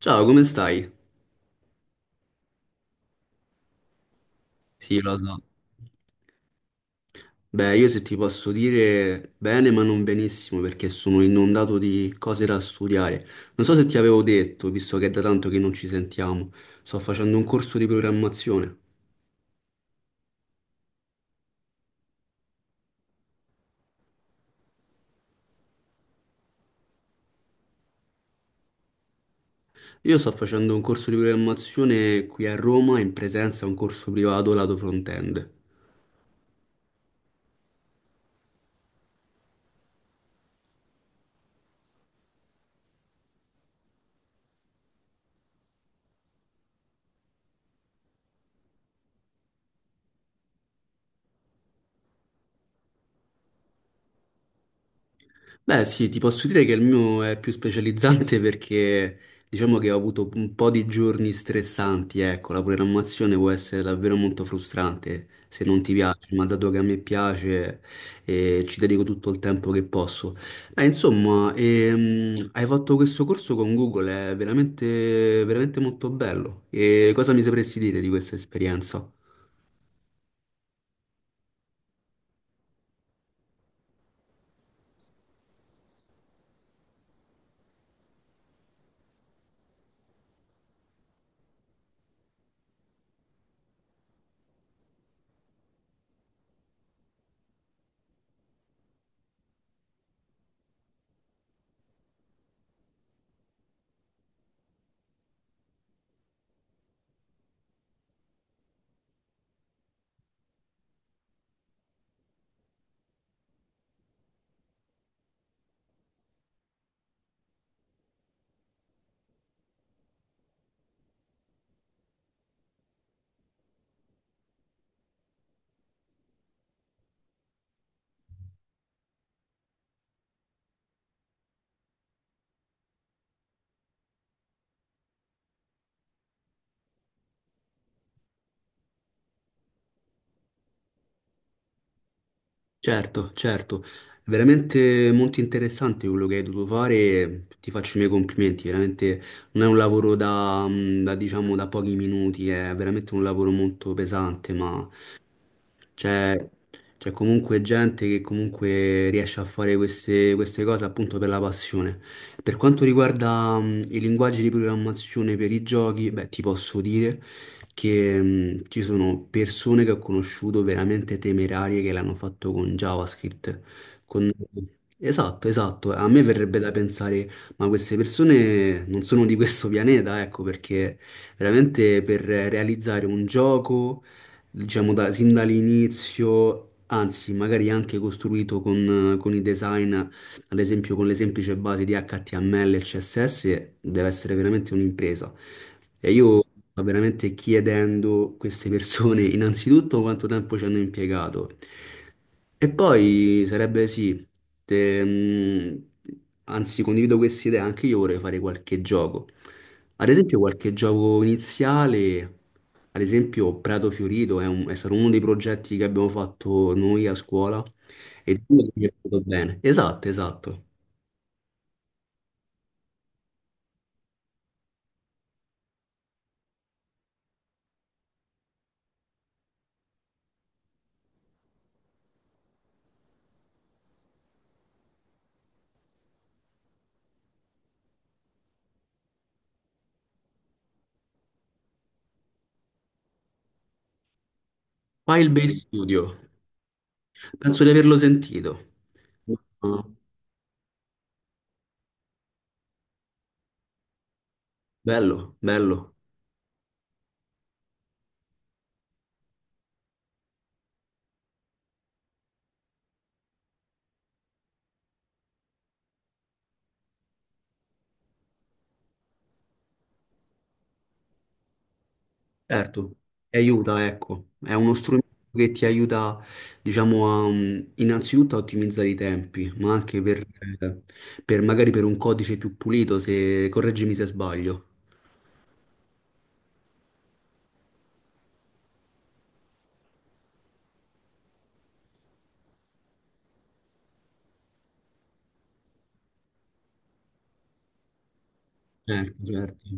Ciao, come stai? Sì, lo so. Beh, io se ti posso dire bene, ma non benissimo, perché sono inondato di cose da studiare. Non so se ti avevo detto, visto che è da tanto che non ci sentiamo, sto facendo un corso di programmazione. Io sto facendo un corso di programmazione qui a Roma, in presenza a un corso privato lato front-end. Beh, sì, ti posso dire che il mio è più specializzante perché diciamo che ho avuto un po' di giorni stressanti, ecco, la programmazione può essere davvero molto frustrante se non ti piace, ma dato che a me piace ci dedico tutto il tempo che posso. Beh, insomma, hai fatto questo corso con Google, è veramente, veramente molto bello. E cosa mi sapresti dire di questa esperienza? Certo, certo, veramente molto interessante quello che hai dovuto fare, ti faccio i miei complimenti, veramente non è un lavoro da, diciamo da pochi minuti, è veramente un lavoro molto pesante, ma c'è c'è comunque gente che comunque riesce a fare queste cose appunto per la passione. Per quanto riguarda i linguaggi di programmazione per i giochi, beh, ti posso dire che ci sono persone che ho conosciuto veramente temerarie che l'hanno fatto con JavaScript. con- Esatto, esatto. A me verrebbe da pensare, ma queste persone non sono di questo pianeta, ecco, perché veramente per realizzare un gioco diciamo sin dall'inizio, anzi magari anche costruito con i design, ad esempio con le semplici basi di HTML e CSS, deve essere veramente un'impresa. E io sto veramente chiedendo a queste persone innanzitutto quanto tempo ci hanno impiegato. E poi sarebbe sì, te- mh, anzi condivido questa idea, anche io vorrei fare qualche gioco. Ad esempio qualche gioco iniziale, ad esempio Prato Fiorito è, è stato uno dei progetti che abbiamo fatto noi a scuola e Dio che mi è venuto bene. Esatto, esatto. Firebase Studio. Penso di averlo sentito. Ah, bello, bello. Certo, ti aiuta, ecco. È uno strumento che ti aiuta, diciamo, a, innanzitutto a ottimizzare i tempi, ma anche eh, per magari per un codice più pulito, se correggimi se sbaglio. Certo, certo.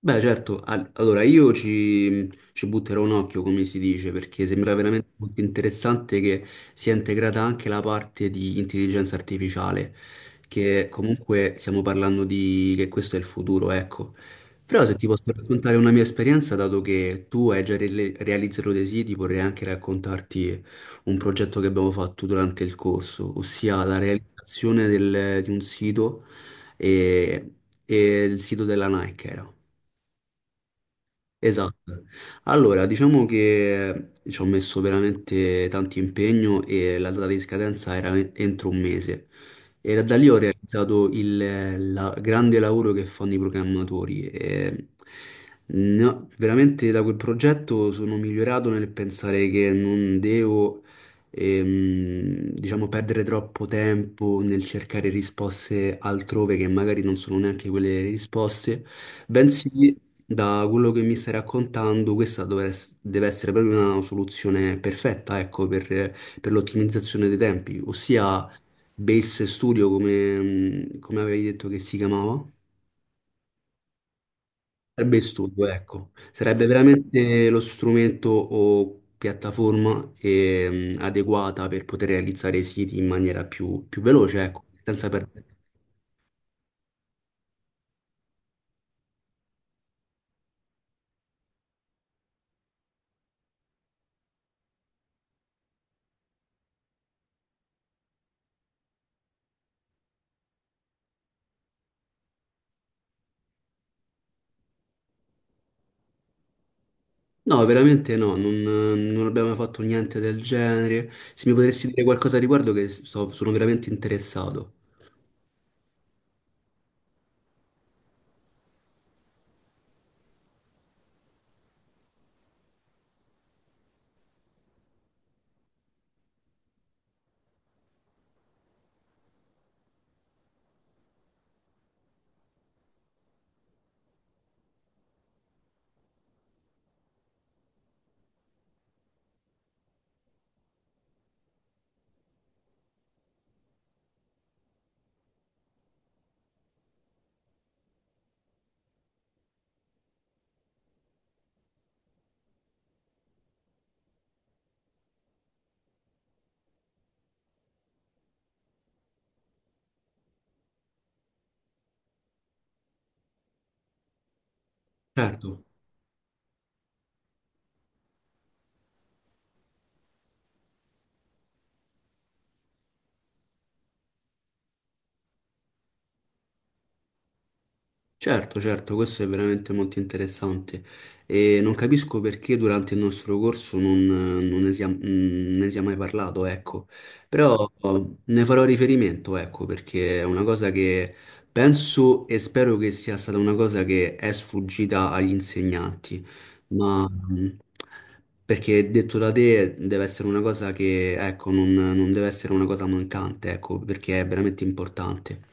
Beh, certo, allora io ci butterò un occhio, come si dice, perché sembra veramente molto interessante che sia integrata anche la parte di intelligenza artificiale, che comunque stiamo parlando di che questo è il futuro, ecco. Però se ti posso raccontare una mia esperienza, dato che tu hai già realizzato dei siti, vorrei anche raccontarti un progetto che abbiamo fatto durante il corso, ossia la realizzazione di un sito e, e il sito della Nike era. Esatto. Allora, diciamo che ci ho messo veramente tanto impegno e la data di scadenza era entro 1 mese. E da, da lì ho realizzato il grande lavoro che fanno i programmatori. E no, veramente da quel progetto sono migliorato nel pensare che non devo, diciamo, perdere troppo tempo nel cercare risposte altrove che magari non sono neanche quelle risposte. Bensì da quello che mi stai raccontando, deve essere proprio una soluzione perfetta, ecco, per l'ottimizzazione dei tempi, ossia Base Studio, come, come avevi detto che si chiamava? Sarebbe il Studio, ecco. Sarebbe veramente lo strumento o piattaforma adeguata per poter realizzare i siti in maniera più, più veloce, ecco, senza perdere. No, veramente no, non, non abbiamo mai fatto niente del genere. Se mi potresti dire qualcosa a riguardo, che sono veramente interessato. Certo. Certo, certo, questo è veramente molto interessante e non capisco perché durante il nostro corso non, non ne sia, mm, ne sia mai parlato, ecco, però oh, ne farò riferimento, ecco, perché è una cosa che penso e spero che sia stata una cosa che è sfuggita agli insegnanti, ma perché detto da te deve essere una cosa che, ecco, non deve essere una cosa mancante, ecco, perché è veramente importante.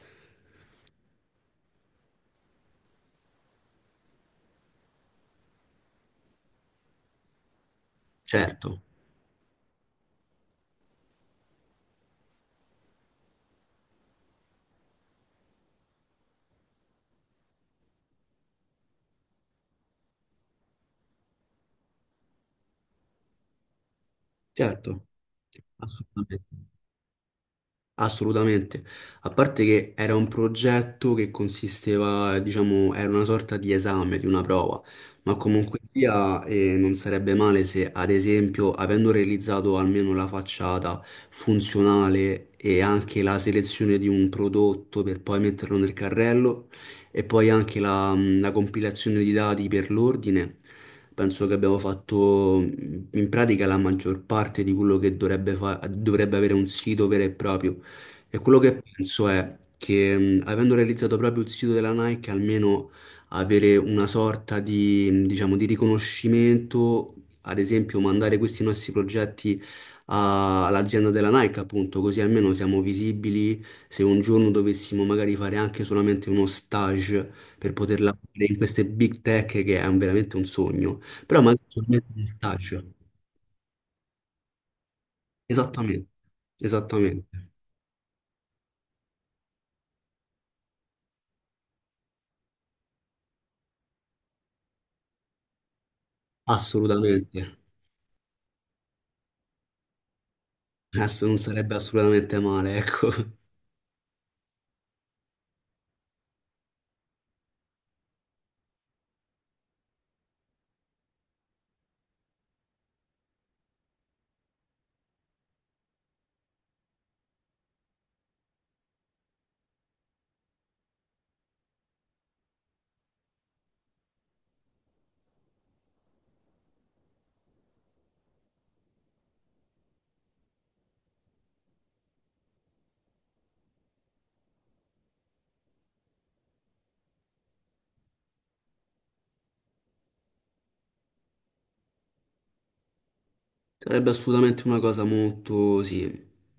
Certo. Certo, assolutamente. Assolutamente, a parte che era un progetto che consisteva, diciamo, era una sorta di esame, di una prova, ma comunque sia non sarebbe male se, ad esempio, avendo realizzato almeno la facciata funzionale e anche la selezione di un prodotto per poi metterlo nel carrello e poi anche la, la compilazione di dati per l'ordine, penso che abbiamo fatto in pratica la maggior parte di quello che dovrebbe avere un sito vero e proprio. E quello che penso è che avendo realizzato proprio il sito della Nike, almeno avere una sorta di, diciamo, di riconoscimento, ad esempio mandare questi nostri progetti all'azienda della Nike, appunto, così almeno siamo visibili se un giorno dovessimo magari fare anche solamente uno stage per poter lavorare in queste big tech che è veramente un sogno, però magari solamente uno stage. Esattamente, esattamente, assolutamente. Adesso non sarebbe assolutamente male, ecco. Sarebbe assolutamente una cosa molto, sì,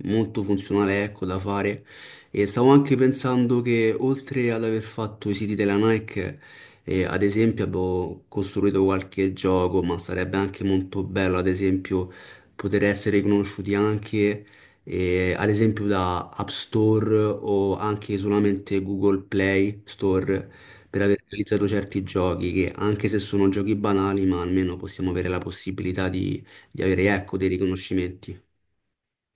molto funzionale, ecco, da fare. E stavo anche pensando che oltre ad aver fatto i siti della Nike, ad esempio abbiamo costruito qualche gioco, ma sarebbe anche molto bello, ad esempio, poter essere riconosciuti anche, ad esempio, da App Store o anche solamente Google Play Store per aver realizzato certi giochi che, anche se sono giochi banali, ma almeno possiamo avere la possibilità di avere, ecco, dei riconoscimenti.